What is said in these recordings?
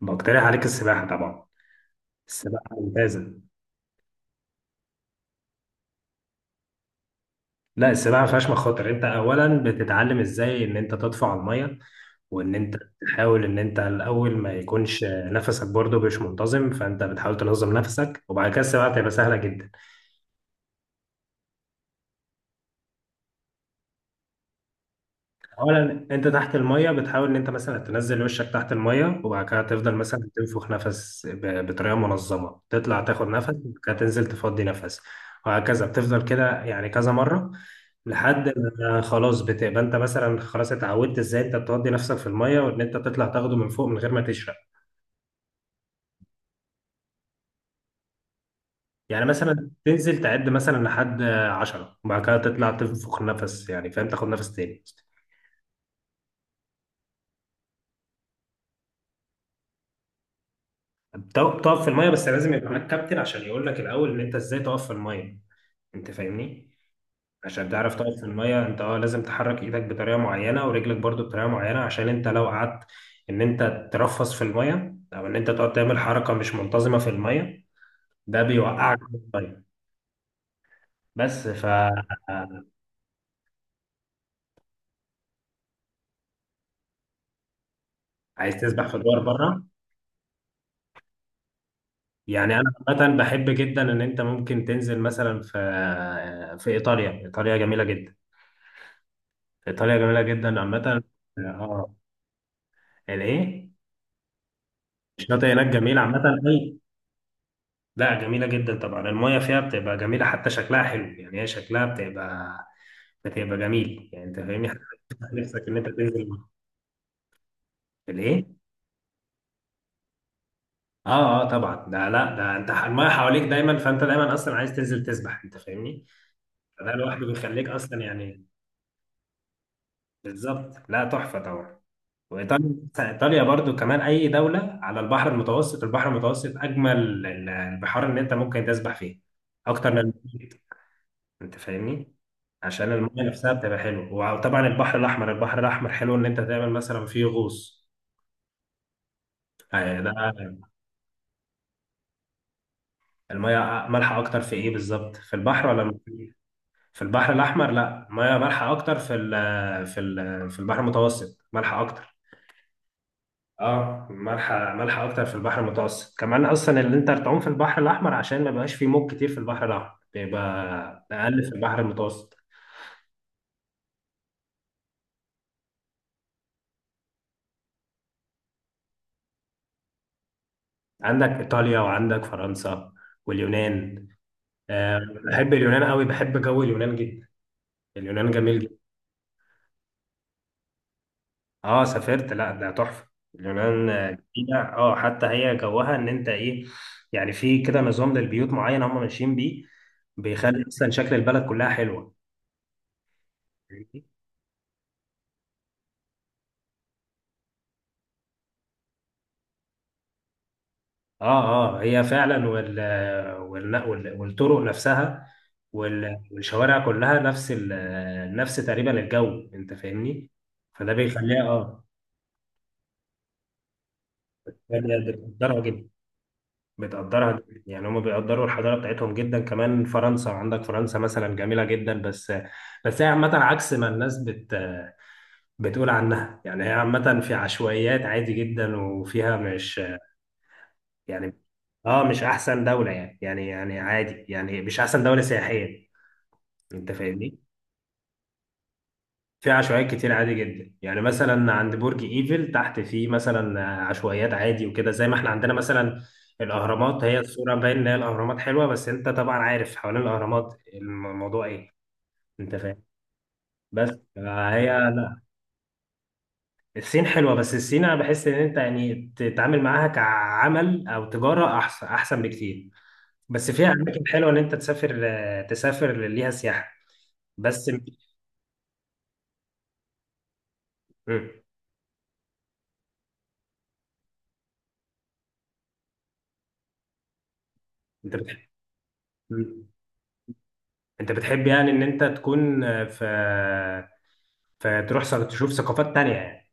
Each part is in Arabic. بقترح عليك السباحة طبعا. السباحة ممتازة. لا، السباحة ما فيهاش مخاطر. انت اولا بتتعلم ازاي ان انت تطفو على المية، وان انت تحاول ان انت الاول ما يكونش نفسك برضه مش منتظم، فانت بتحاول تنظم نفسك وبعد كده السباحة تبقى سهلة جدا. اولا انت تحت الميه بتحاول ان انت مثلا تنزل وشك تحت الميه، وبعد كده تفضل مثلا تنفخ نفس بطريقه منظمه، تطلع تاخد نفس وبعد كده تنزل تفضي نفس. وهكذا بتفضل كده يعني كذا مره، لحد ما خلاص بتبقى انت مثلا خلاص اتعودت ازاي انت بتودي نفسك في الميه وان انت تطلع تاخده من فوق من غير ما تشرب. يعني مثلا تنزل تعد مثلا لحد عشرة وبعد كده تطلع تنفخ نفس، يعني فاهم، تاخد نفس تاني. بتقف في الميه بس لازم يبقى معاك كابتن عشان يقول لك الاول ان انت ازاي تقف في الميه. انت فاهمني؟ عشان تعرف تقف في الميه انت لازم تحرك ايدك بطريقه معينه ورجلك برضو بطريقه معينه، عشان انت لو قعدت ان انت ترفس في الميه او ان انت تقعد تعمل حركه مش منتظمه في الميه، ده بيوقعك في الميه. بس ف عايز تسبح في الدور بره. يعني انا عامه بحب جدا ان انت ممكن تنزل مثلا في ايطاليا، ايطاليا جميله جدا. ايطاليا جميله جدا عامه. اه. الايه؟ الشاطئ هناك جميل عامه، اي. لا، جميلة جدا طبعا، المايه فيها بتبقى جميلة حتى شكلها حلو، يعني هي شكلها بتبقى جميل يعني انت فاهمني حتى. نفسك ان انت تنزل. الايه؟ اه، اه طبعا، ده. لا، ده انت المايه حواليك دايما، فانت دايما اصلا عايز تنزل تسبح، انت فاهمني؟ فده لوحده بيخليك اصلا، يعني بالظبط، لا تحفة طبعا. وايطاليا برضو، كمان اي دولة على البحر المتوسط. البحر المتوسط اجمل البحار اللي انت ممكن تسبح فيه، اكتر من المحيط. انت فاهمني؟ عشان الميه نفسها بتبقى حلوه. وطبعا البحر الاحمر حلو ان انت تعمل مثلا فيه غوص. ده. الميه مالحه اكتر في ايه بالظبط؟ في البحر ولا في؟ في البحر الاحمر؟ لا، الميه مالحه اكتر في البحر المتوسط، مالحه اكتر. اه، مالحه اكتر في البحر المتوسط. كمان اصلا اللي انت تعوم في البحر الاحمر عشان ما بيبقاش فيه موج كتير. في البحر الاحمر بيبقى اقل، في البحر المتوسط. عندك ايطاليا، وعندك فرنسا، واليونان. آه، بحب اليونان قوي، بحب جو اليونان جدا. اليونان جميل جدا. اه سافرت. لا، ده تحفه. اليونان جميله. اه، حتى هي جوها ان انت ايه؟ يعني في كده نظام للبيوت معين هم ماشيين بيه، بيخلي اصلا شكل البلد كلها حلوه، فاهمني؟ اه، اه هي فعلا. والطرق نفسها والشوارع، كلها نفس نفس تقريبا الجو، انت فاهمني. فده بيخليها بيقدرها جدا، بتقدرها جداً. يعني هم بيقدروا الحضاره بتاعتهم جدا. كمان فرنسا، عندك فرنسا مثلا جميله جدا، بس هي عامه عكس ما الناس بتقول عنها. يعني هي عامه في عشوائيات عادي جدا، وفيها مش يعني، اه مش احسن دوله، يعني عادي، يعني مش احسن دوله سياحيه، انت فاهمني. في عشوائيات كتير عادي جدا، يعني مثلا عند برج ايفل تحت في مثلا عشوائيات عادي، وكده زي ما احنا عندنا مثلا الاهرامات. هي الصوره باين ان هي الاهرامات حلوه، بس انت طبعا عارف حوالين الاهرامات الموضوع ايه، انت فاهم. بس هي لا، الصين حلوه. بس الصين انا بحس ان انت يعني تتعامل معاها كعمل او تجاره احسن، احسن بكتير. بس فيها اماكن حلوه ان انت تسافر ليها سياحه. بس م- أمم، انت بتحب انت بتحب يعني ان انت تكون في فتروح تشوف ثقافات تانية، يعني.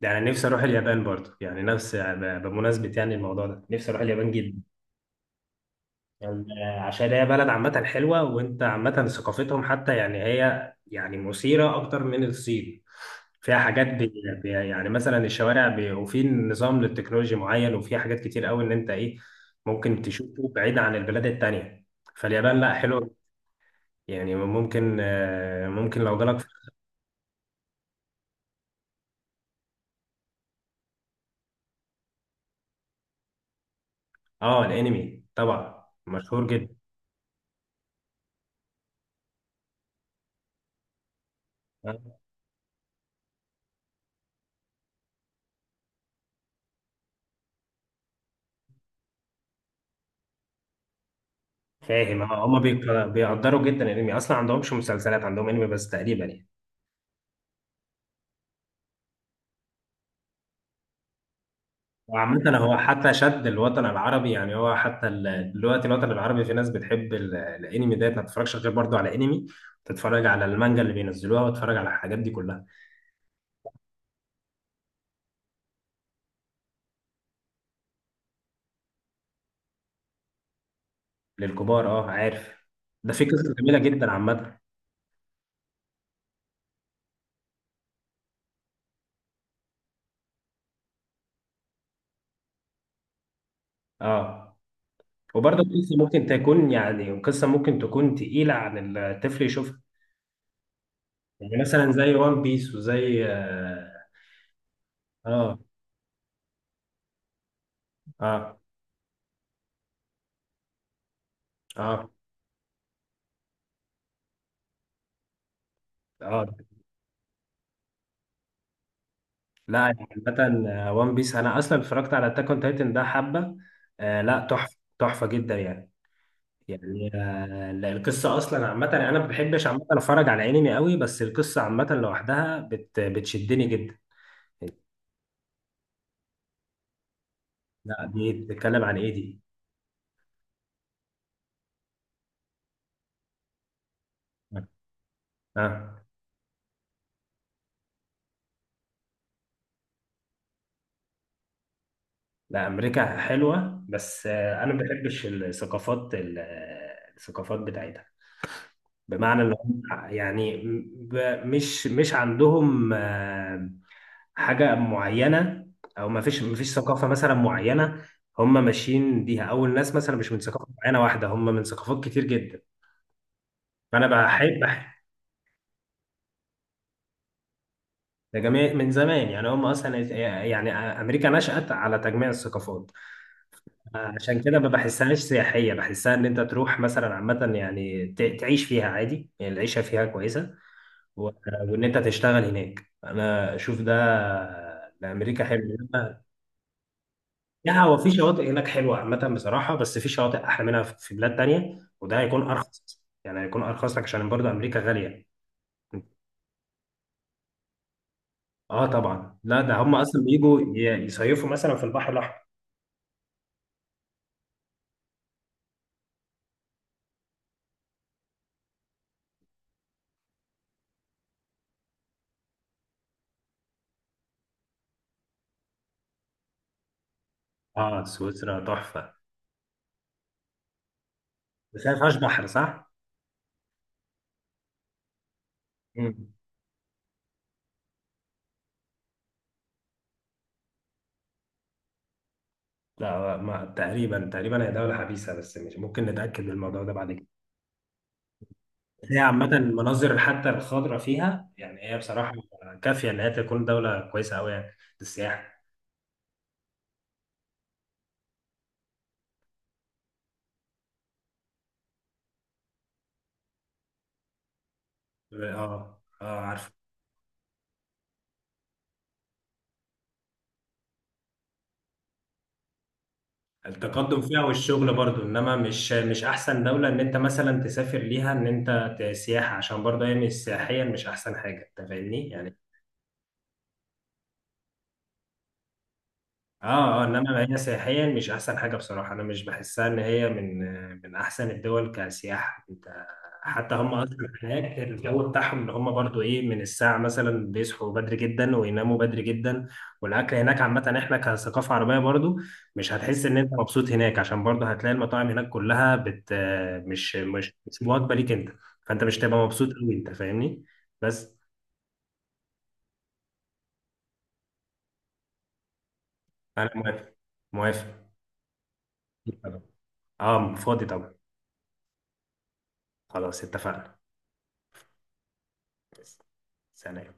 يعني أنا نفسي اروح اليابان برضه، يعني نفس بمناسبة يعني الموضوع ده، نفسي اروح اليابان جدا. يعني عشان هي بلد عامة حلوة، وانت عامة ثقافتهم، حتى يعني هي يعني مثيرة اكتر من الصين. فيها حاجات يعني مثلا الشوارع وفي نظام للتكنولوجيا معين، وفي حاجات كتير قوي ان انت ايه، ممكن تشوفه بعيد عن البلاد التانية. فاليابان لا حلوة، يعني ممكن لو جالك. اه، الانمي طبعا مشهور جدا. آه، فاهم. اه هما بيقدروا جدا الانمي، اصلا عندهمش مسلسلات، عندهم انمي بس تقريبا، يعني. وعامة هو حتى شد الوطن العربي، يعني هو حتى دلوقتي الوطن العربي، في ناس بتحب الانمي ده، ما تتفرجش غير برضه على انمي، تتفرج على المانجا اللي بينزلوها وتتفرج على الحاجات دي كلها. للكبار، اه، عارف. ده في قصة جميلة جدا عامة. اه، وبرضه القصة ممكن تكون يعني قصة ممكن تكون تقيلة عن الطفل يشوفها. يعني مثلا زي وان بيس، وزي اه، اه، اه، آه. لا يعني عامة وان بيس، انا اصلا اتفرجت على اتاك اون تايتن ده حبة. آه، لا تحفة، تحفة جدا يعني. يعني لا، القصة اصلا عامة يعني. انا ما بحبش عامة اتفرج على انمي قوي، بس القصة عامة لوحدها بتشدني جدا. لا، دي بتتكلم عن ايه دي؟ اه، لا امريكا حلوة، بس انا ما بحبش الثقافات الثقافات بتاعتها. بمعنى اللي هم يعني، مش عندهم حاجة معينة، أو ما فيش ثقافة مثلا معينة هم ماشيين بيها. أو الناس مثلا مش من ثقافة معينة واحدة، هم من ثقافات كتير جدا. فأنا ده جميع من زمان، يعني هم أصلا، يعني أمريكا نشأت على تجميع الثقافات. عشان كده ما بحسهاش سياحية، بحسها إن أنت تروح مثلا عامة، يعني تعيش فيها عادي، يعني العيشة فيها كويسة و- وان انت تشتغل هناك انا اشوف ده امريكا حلوه. لا هو في شواطئ هناك حلوه عامه بصراحه، بس في شواطئ احلى منها في بلاد تانية، وده هيكون ارخص، يعني هيكون ارخص لك، عشان برضه امريكا غاليه. اه طبعا، لا ده هم اصلا بيجوا يصيفوا مثلا في البحر الاحمر. اه سويسرا تحفه. بس هي ما فيهاش بحر، صح؟ مم. لا، ما تقريبا، تقريبا هي دوله حبيسه، بس مش ممكن نتاكد من الموضوع ده بعد كده. هي عامة المناظر حتى الخضراء فيها يعني هي بصراحة كافية إن هي تكون دولة كويسة أوي يعني للسياحة. اه، اه عارف. التقدم فيها والشغل برضو، إنما مش مش أحسن دولة إن أنت مثلا تسافر ليها، إن أنت سياحة، عشان برضو هي مش سياحيا، مش أحسن حاجة، أنت فاهمني يعني. اه، اه انما هي سياحيا مش احسن حاجه بصراحه. انا مش بحسها ان هي من احسن الدول كسياحه، انت. حتى هم اصلا هناك الجو بتاعهم ان هم برضو ايه، من الساعه مثلا بيصحوا بدري جدا، ويناموا بدري جدا. والاكل هناك، عامه احنا كثقافه عربيه برضو مش هتحس ان انت مبسوط هناك، عشان برضو هتلاقي المطاعم هناك كلها بت، مش وجبه ليك انت. فانت مش تبقى مبسوط قوي، انت فاهمني. بس. انا موافق. موافق. اه، فاضي طبعا. خلاص اتفقنا. سلام.